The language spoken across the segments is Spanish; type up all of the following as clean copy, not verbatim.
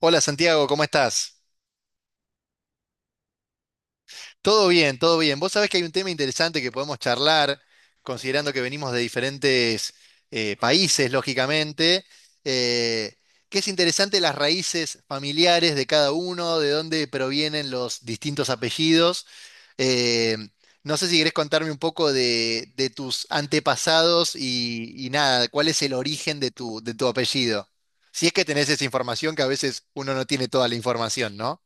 Hola, Santiago, ¿cómo estás? Todo bien, todo bien. Vos sabés que hay un tema interesante que podemos charlar, considerando que venimos de diferentes países, lógicamente, eh, que es interesante las raíces familiares de cada uno, de dónde provienen los distintos apellidos. Eh, no sé si querés contarme un poco de tus antepasados y nada, cuál es el origen de tu apellido. Si es que tenés esa información, que a veces uno no tiene toda la información, ¿no?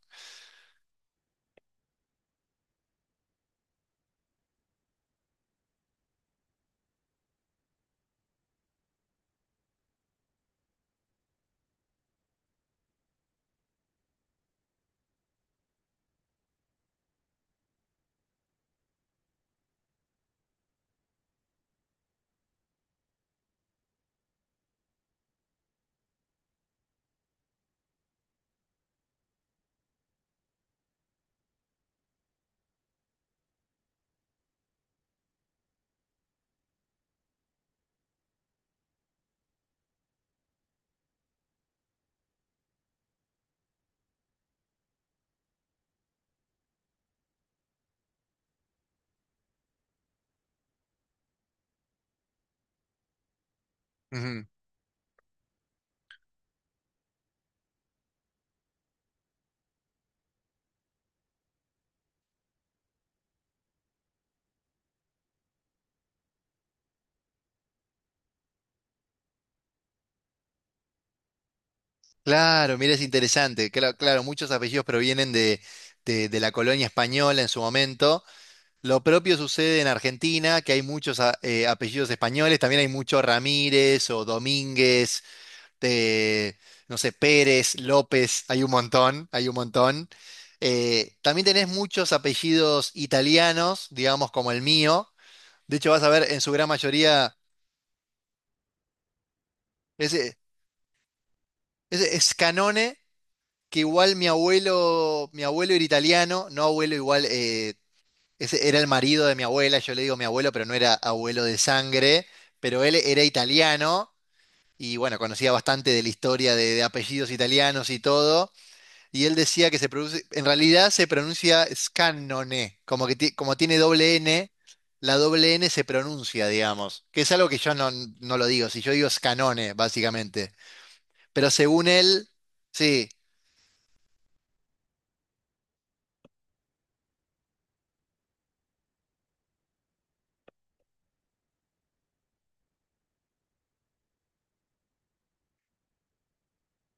Ujú. Claro, mira, es interesante. Claro, claro, muchos apellidos provienen de la colonia española en su momento. Lo propio sucede en Argentina, que hay muchos apellidos españoles. También hay muchos Ramírez o Domínguez, eh, no sé, Pérez, López. Hay un montón, hay un montón. También tenés muchos apellidos italianos, digamos, como el mío. De hecho, vas a ver, en su gran mayoría, ese, ese es Canone. Que igual mi abuelo era italiano, no abuelo igual, ese era el marido de mi abuela, yo le digo mi abuelo, pero no era abuelo de sangre, pero él era italiano y bueno, conocía bastante de la historia de apellidos italianos y todo, y él decía que se produce, en realidad se pronuncia Scannone, como tiene doble N, la doble N se pronuncia, digamos, que es algo que yo no, no lo digo, si yo digo Scannone, básicamente, pero según él, sí.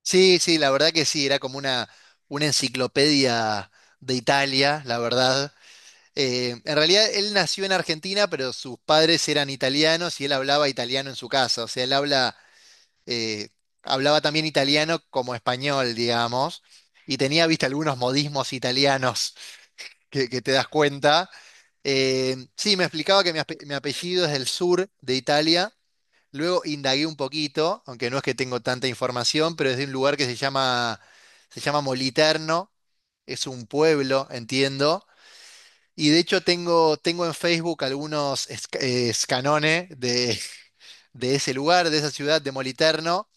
Sí, sí, la verdad que sí, era como una enciclopedia de Italia, la verdad. En realidad él nació en Argentina, pero sus padres eran italianos y él hablaba italiano en su casa. O sea, eh, hablaba también italiano como español, digamos, y tenía, viste, algunos modismos italianos que te das cuenta. Sí, me explicaba que mi apellido es del sur de Italia. Luego indagué un poquito, aunque no es que tengo tanta información, pero es de un lugar se llama Moliterno, es un pueblo, entiendo. Y de hecho tengo, tengo en Facebook escanones de ese lugar, de esa ciudad de Moliterno,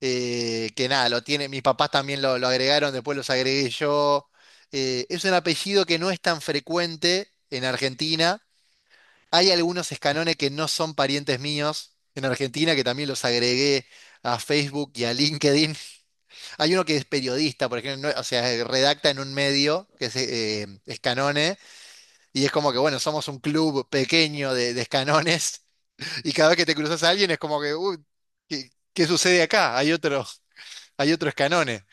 que nada, lo tiene, mis papás también lo agregaron, después los agregué yo. Es un apellido que no es tan frecuente en Argentina. Hay algunos escanones que no son parientes míos en Argentina, que también los agregué a Facebook y a LinkedIn. Hay uno que es periodista, por ejemplo, o sea, redacta en un medio que es Escanone, y es como que, bueno, somos un club pequeño de Escanones, y cada vez que te cruzas a alguien es como que, uy, ¿qué sucede acá? Hay otro Escanone,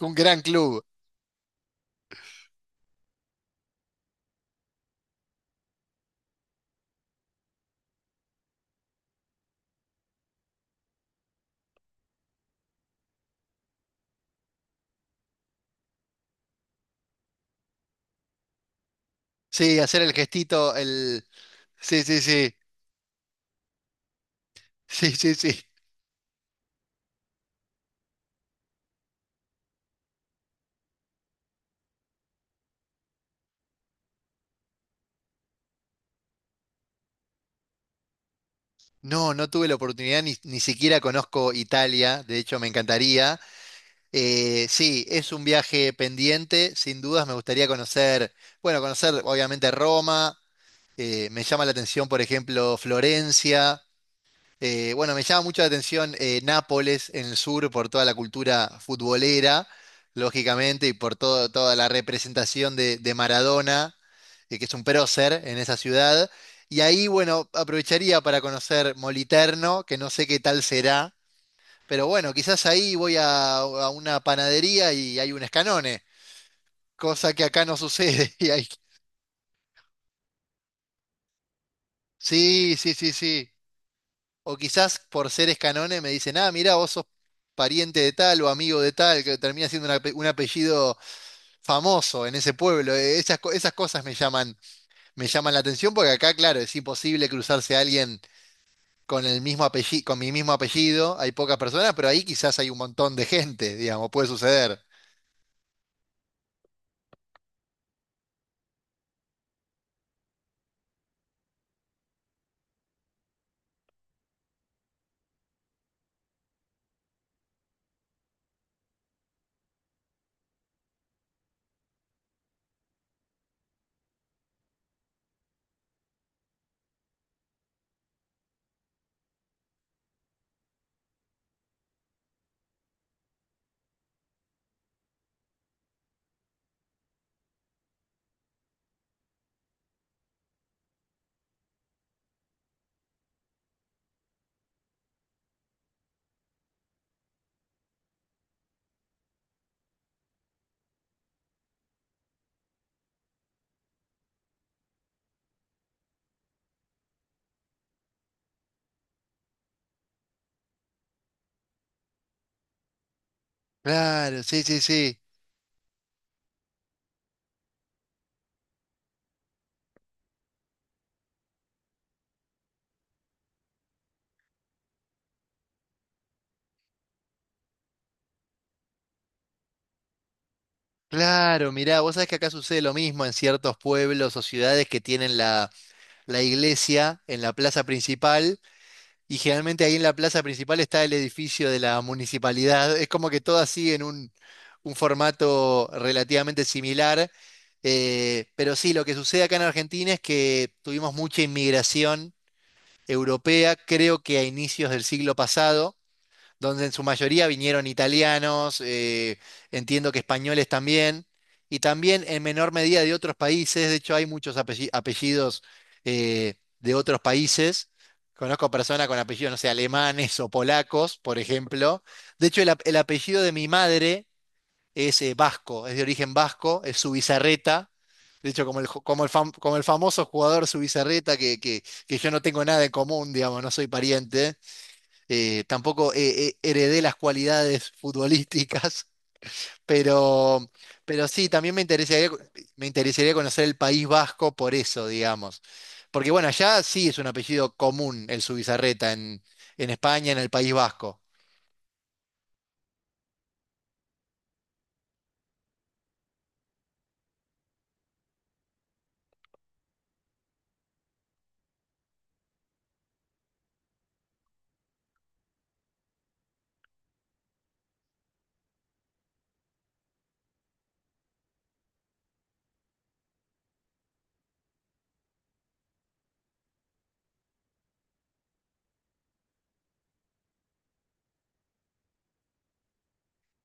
un gran club. Sí, hacer el gestito, el... Sí, sí, sí, sí, sí, sí. No, no tuve la oportunidad, ni siquiera conozco Italia, de hecho me encantaría. Sí, es un viaje pendiente, sin dudas me gustaría conocer, bueno, conocer obviamente Roma, me llama la atención, por ejemplo, Florencia, bueno, me llama mucho la atención Nápoles en el sur por toda la cultura futbolera, lógicamente, y por toda la representación de Maradona, que es un prócer en esa ciudad. Y ahí, bueno, aprovecharía para conocer Moliterno, que no sé qué tal será, pero bueno, quizás ahí voy a una panadería y hay un escanone, cosa que acá no sucede. Y hay- Sí, sí, sí, sí. O quizás por ser escanone me dicen, ah, mirá, vos sos pariente de tal o amigo de tal, que termina siendo un apellido famoso en ese pueblo. Esas, esas cosas me llaman la atención porque acá, claro, es imposible cruzarse a alguien con el mismo apellido, con mi mismo apellido. Hay pocas personas, pero ahí quizás hay un montón de gente, digamos, puede suceder. Claro, sí, sí, sí. Claro, mirá, vos sabés que acá sucede lo mismo en ciertos pueblos o ciudades que tienen la iglesia en la plaza principal. Y generalmente ahí en la plaza principal está el edificio de la municipalidad. Es como que todas siguen un formato relativamente similar. Pero sí, lo que sucede acá en Argentina es que tuvimos mucha inmigración europea, creo que a inicios del siglo pasado, donde en su mayoría vinieron italianos, entiendo que españoles también, y también en menor medida de otros países. De hecho hay apellidos de otros países. Conozco personas con apellidos, no sé, alemanes o polacos, por ejemplo. De hecho, el apellido de mi madre es vasco, es de origen vasco, es Subizarreta. De hecho, como el, ju- como el, fam- como el famoso jugador Subizarreta, que yo no tengo nada en común, digamos, no soy pariente. Tampoco heredé las cualidades futbolísticas, pero, pero sí, también me interesaría conocer el País Vasco por eso, digamos. Porque bueno, allá sí es un apellido común el Zubizarreta en España, en el País Vasco.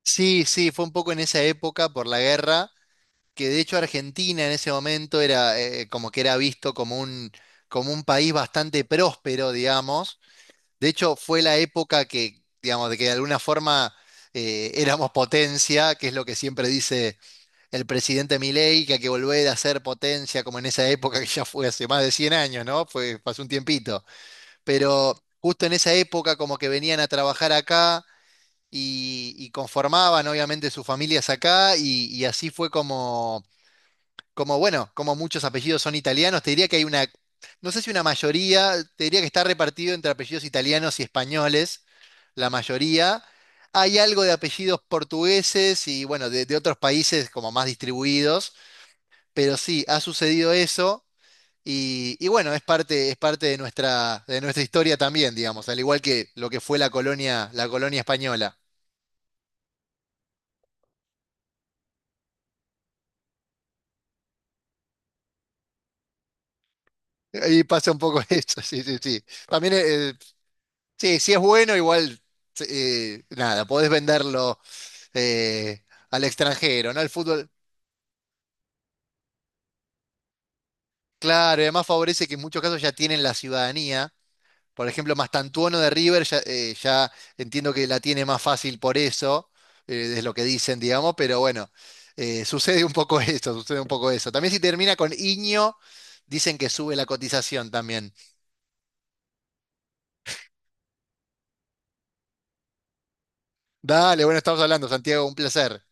Sí, sí, fue un poco en esa época por la guerra, que de hecho Argentina en ese momento era como que era visto como como un país bastante próspero, digamos. De hecho, fue la época que, digamos, de que de alguna forma éramos potencia, que es lo que siempre dice el presidente Milei, que hay que volver a ser potencia, como en esa época, que ya fue hace más de 100 años, ¿no? Fue, pasó un tiempito. Pero justo en esa época, como que venían a trabajar acá y conformaban, obviamente, sus familias acá, y así fue como bueno, como muchos apellidos son italianos, te diría que hay una, no sé si una mayoría, te diría que está repartido entre apellidos italianos y españoles, la mayoría. Hay algo de apellidos portugueses y bueno, de otros países como más distribuidos, pero sí, ha sucedido eso y bueno, es parte de nuestra historia también, digamos, al igual que lo que fue la colonia española. Ahí pasa un poco eso, sí, sí, sí. También sí, si es bueno, igual, nada, podés venderlo eh, al extranjero, ¿no? El fútbol, claro, y además favorece que en muchos casos ya tienen la ciudadanía. Por ejemplo, Mastantuono de River ya, ya entiendo que la tiene más fácil por eso, es lo que dicen, digamos, pero bueno, sucede un poco eso, sucede un poco eso. También si termina con Iño, dicen que sube la cotización también. Dale, bueno, estamos hablando, Santiago, un placer.